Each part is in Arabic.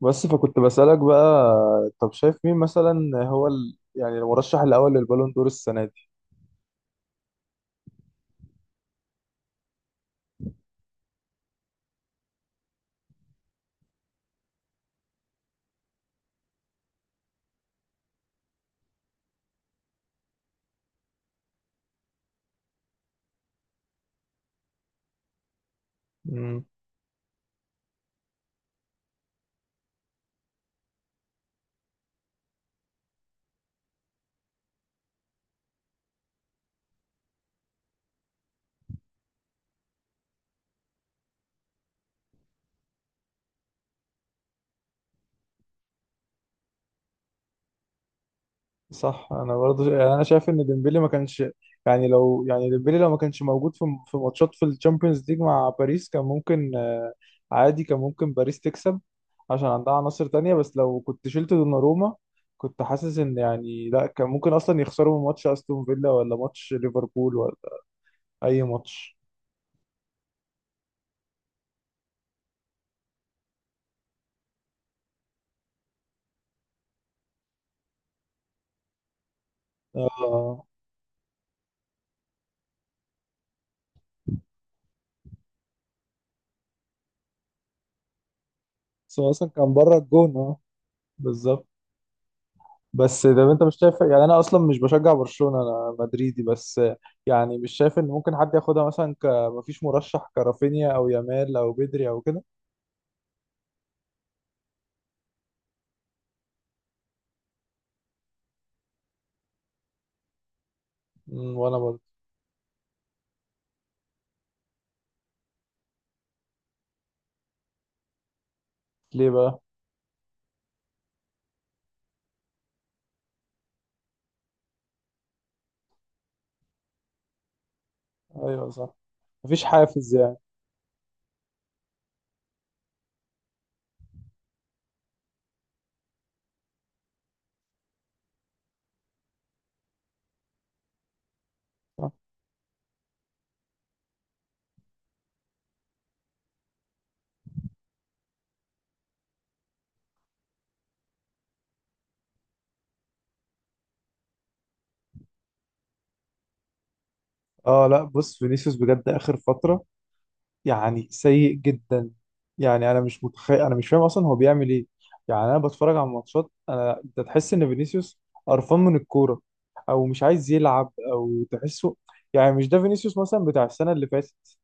بس فكنت بسألك بقى. طب شايف مين مثلا؟ هو يعني المرشح الأول للبالون دور السنة دي؟ امم. صح، أنا برضه يعني أنا شايف إن ديمبلي ما كانش يعني، لو يعني ديمبلي لو ما كانش موجود في ماتشات في الشامبيونز ليج مع باريس كان ممكن آه، عادي، كان ممكن باريس تكسب عشان عندها عناصر تانية. بس لو كنت شلت دوناروما كنت حاسس إن يعني لا، كان ممكن أصلا يخسروا من ماتش أستون فيلا ولا ماتش ليفربول ولا أي ماتش. آه بس هو أصلا كان بره الجون أه. بالظبط. بس ده انت مش شايف، يعني انا اصلا مش بشجع برشلونة، انا مدريدي، بس يعني مش شايف ان ممكن حد ياخدها مثلا ك مفيش مرشح كرافينيا او يامال او بدري او كده؟ مم، وانا برضه. ليه بقى؟ ايوه صح، مفيش حافز يعني. صح. اه لا بص، فينيسيوس بجد اخر فترة يعني سيء جدا، يعني انا مش متخيل، انا مش فاهم اصلا هو بيعمل ايه. يعني انا بتفرج على الماتشات، انا انت تحس ان فينيسيوس قرفان من الكوره او مش عايز يلعب او تحسه، يعني مش ده فينيسيوس مثلا بتاع السنه اللي فاتت.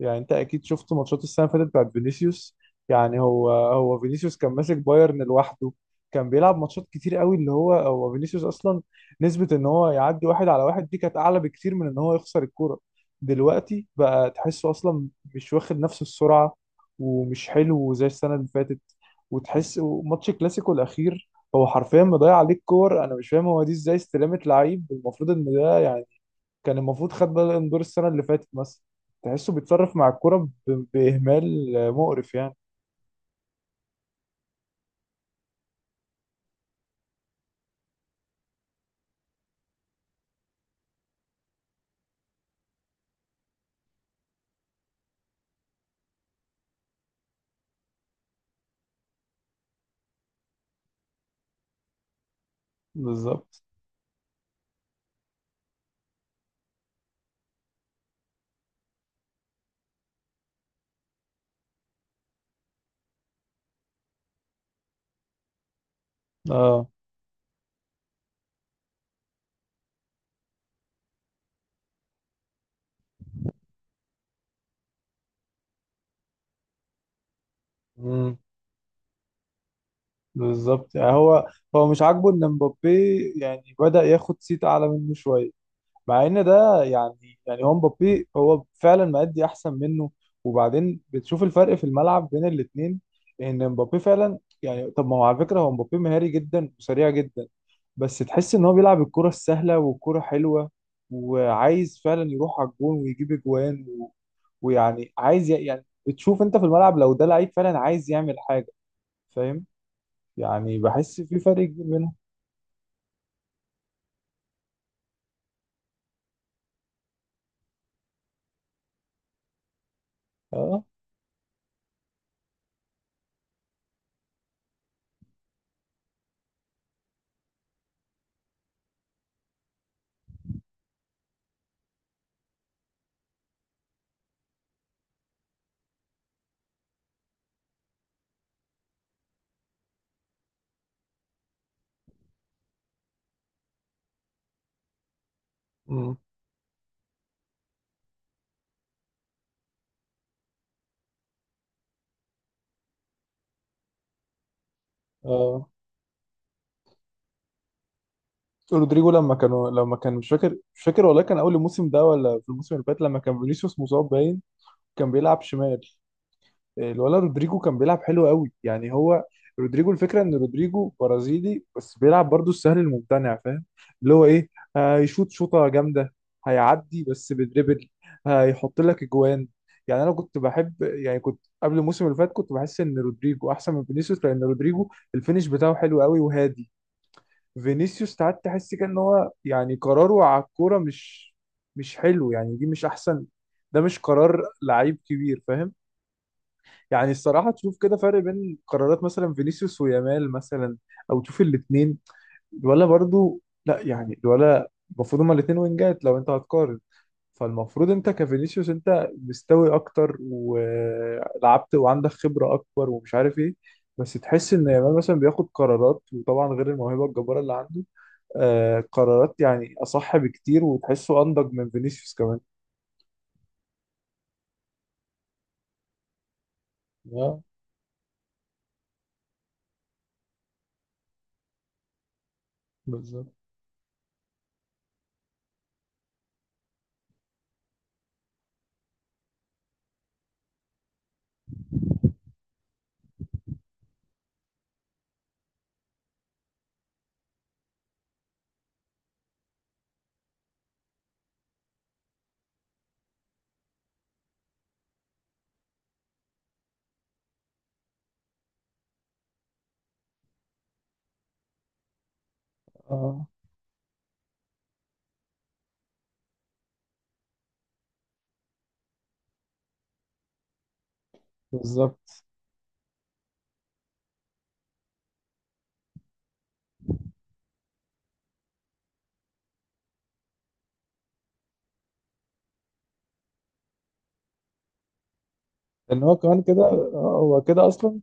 يعني انت اكيد شفت ماتشات السنه اللي فاتت بتاعت فينيسيوس، يعني هو فينيسيوس كان ماسك بايرن لوحده، كان بيلعب ماتشات كتير قوي، اللي هو هو فينيسيوس اصلا نسبه ان هو يعدي واحد على واحد دي كانت اعلى بكتير من ان هو يخسر الكوره. دلوقتي بقى تحسه اصلا مش واخد نفس السرعه ومش حلو زي السنه اللي فاتت وتحس ماتش كلاسيكو الاخير هو حرفيا مضيع عليك كور. انا مش فاهم، هو دي ازاي استلامت لعيب المفروض ان ده يعني كان المفروض خد بالون دور السنة اللي فاتت مثلا. تحسه بيتصرف مع الكرة بإهمال مقرف يعني. بالظبط. اه. مم. بالظبط، يعني هو هو مش عاجبه ان مبابي يعني بدأ ياخد صيت اعلى منه شوية، مع ان ده يعني هو مبابي هو فعلا مأدي احسن منه. وبعدين بتشوف الفرق في الملعب بين الاتنين، ان مبابي فعلا يعني طب ما هو على فكرة هو مبابي مهاري جدا وسريع جدا بس تحس ان هو بيلعب الكرة السهلة والكرة حلوة، وعايز فعلا يروح على الجون ويجيب اجوان ويعني عايز يعني بتشوف انت في الملعب لو ده لعيب فعلا عايز يعمل حاجة، فاهم؟ يعني بحس في فرق كبير بينهم. اه. امم. اه. رودريجو لما كان مش فاكر والله كان اول الموسم ده ولا في الموسم اللي فات لما كان فينيسيوس مصاب باين كان بيلعب شمال، الولا رودريجو كان بيلعب حلو قوي. يعني هو رودريجو الفكره ان رودريجو برازيلي بس بيلعب برضو السهل الممتنع، فاهم؟ اللي هو ايه، هيشوط شوطه جامده، هيعدي بس بدريبل، هيحط لك اجوان. يعني انا كنت بحب، يعني كنت قبل الموسم اللي فات كنت بحس ان رودريجو احسن من فينيسيوس لان رودريجو الفينش بتاعه حلو قوي وهادي. فينيسيوس ساعات تحس كده ان هو يعني قراره على الكوره مش حلو، يعني دي مش احسن، ده مش قرار لعيب كبير، فاهم؟ يعني الصراحة تشوف كده فرق بين قرارات مثلا فينيسيوس ويامال مثلا. أو تشوف الاتنين الولا برضو، لا يعني الولا المفروض هما الاتنين وينجات لو أنت هتقارن. فالمفروض أنت كفينيسيوس أنت مستوي أكتر ولعبت وعندك خبرة أكبر ومش عارف إيه، بس تحس إن يامال مثلا بياخد قرارات، وطبعا غير الموهبة الجبارة اللي عنده آه، قرارات يعني أصح بكتير وتحسه أنضج من فينيسيوس كمان. اه بالظبط. آه بالظبط. ان هو كمان كده آه، هو كده اصلا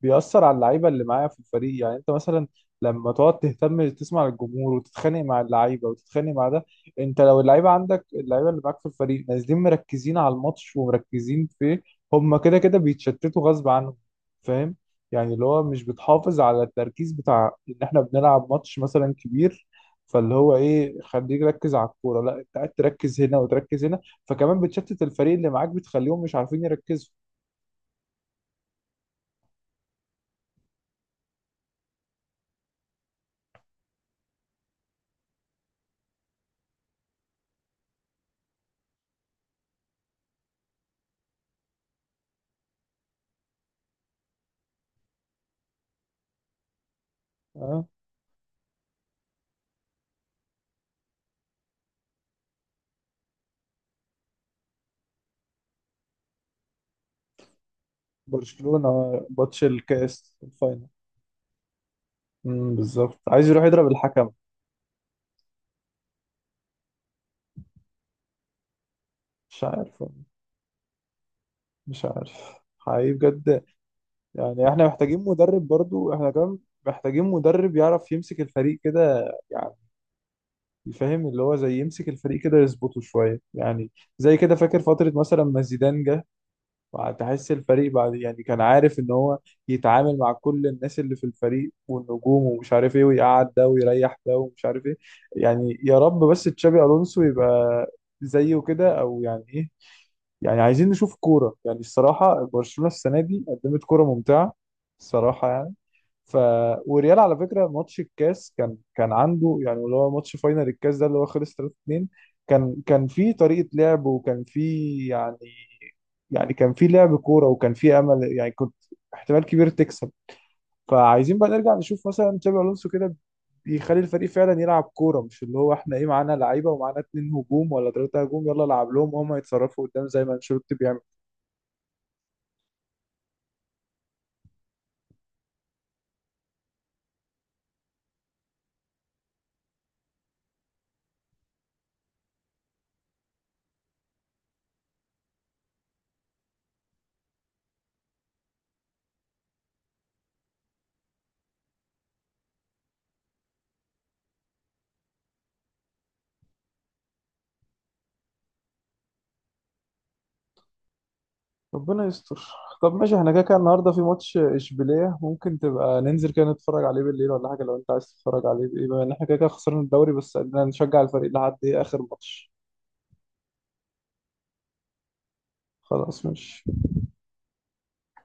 بيأثر على اللعيبة اللي معايا في الفريق، يعني انت مثلا لما تقعد تهتم تسمع للجمهور وتتخانق مع اللعيبة وتتخانق مع ده، انت لو اللعيبة عندك اللعيبة اللي معاك في الفريق نازلين مركزين على الماتش ومركزين فيه، هم كده كده بيتشتتوا غصب عنهم، فاهم؟ يعني اللي هو مش بتحافظ على التركيز بتاع ان احنا بنلعب ماتش مثلا كبير. فاللي هو ايه، خليك ركز على الكورة، لا انت قاعد تركز هنا وتركز هنا، فكمان بتشتت الفريق اللي معاك، بتخليهم مش عارفين يركزوا. برشلونة. ماتش الكاس الفاينل. امم، بالظبط، عايز يروح يضرب الحكم. مش عارف. مش عارف حقيقي بجد. يعني احنا محتاجين مدرب برضو احنا كمان، محتاجين مدرب يعرف يمسك الفريق كده يعني، يفهم اللي هو زي يمسك الفريق كده يظبطه شوية يعني. زي كده فاكر فترة مثلا ما زيدان جه وهتحس الفريق بعد، يعني كان عارف ان هو يتعامل مع كل الناس اللي في الفريق والنجوم ومش عارف ايه، ويقعد ده ويريح ده ومش عارف ايه. يعني يا رب بس تشابي الونسو يبقى زيه كده او يعني ايه، يعني عايزين نشوف كورة، يعني الصراحة برشلونة السنة دي قدمت كورة ممتعة، الصراحة يعني. ف وريال على فكره ماتش الكاس كان عنده يعني اللي هو ماتش فاينل الكاس ده اللي هو خلص 3-2، كان في طريقه لعب وكان في يعني، يعني كان في لعب كوره وكان في امل، يعني كنت احتمال كبير تكسب. فعايزين بقى نرجع نشوف مثلا تشابي الونسو كده بيخلي الفريق فعلا يلعب كوره، مش اللي هو احنا ايه معانا لعيبه ومعانا اتنين هجوم ولا تلاته هجوم يلا العب لهم وهم يتصرفوا قدام زي ما انشيلوتي بيعمل. ربنا يستر. طب ماشي، احنا كده كده النهارده في ماتش اشبيليه، ممكن تبقى ننزل كده نتفرج عليه بالليل ولا حاجه لو انت عايز تتفرج عليه، بما ان احنا كده كده خسرنا الدوري بس قلنا نشجع الفريق لحد ايه اخر ماتش. خلاص ماشي.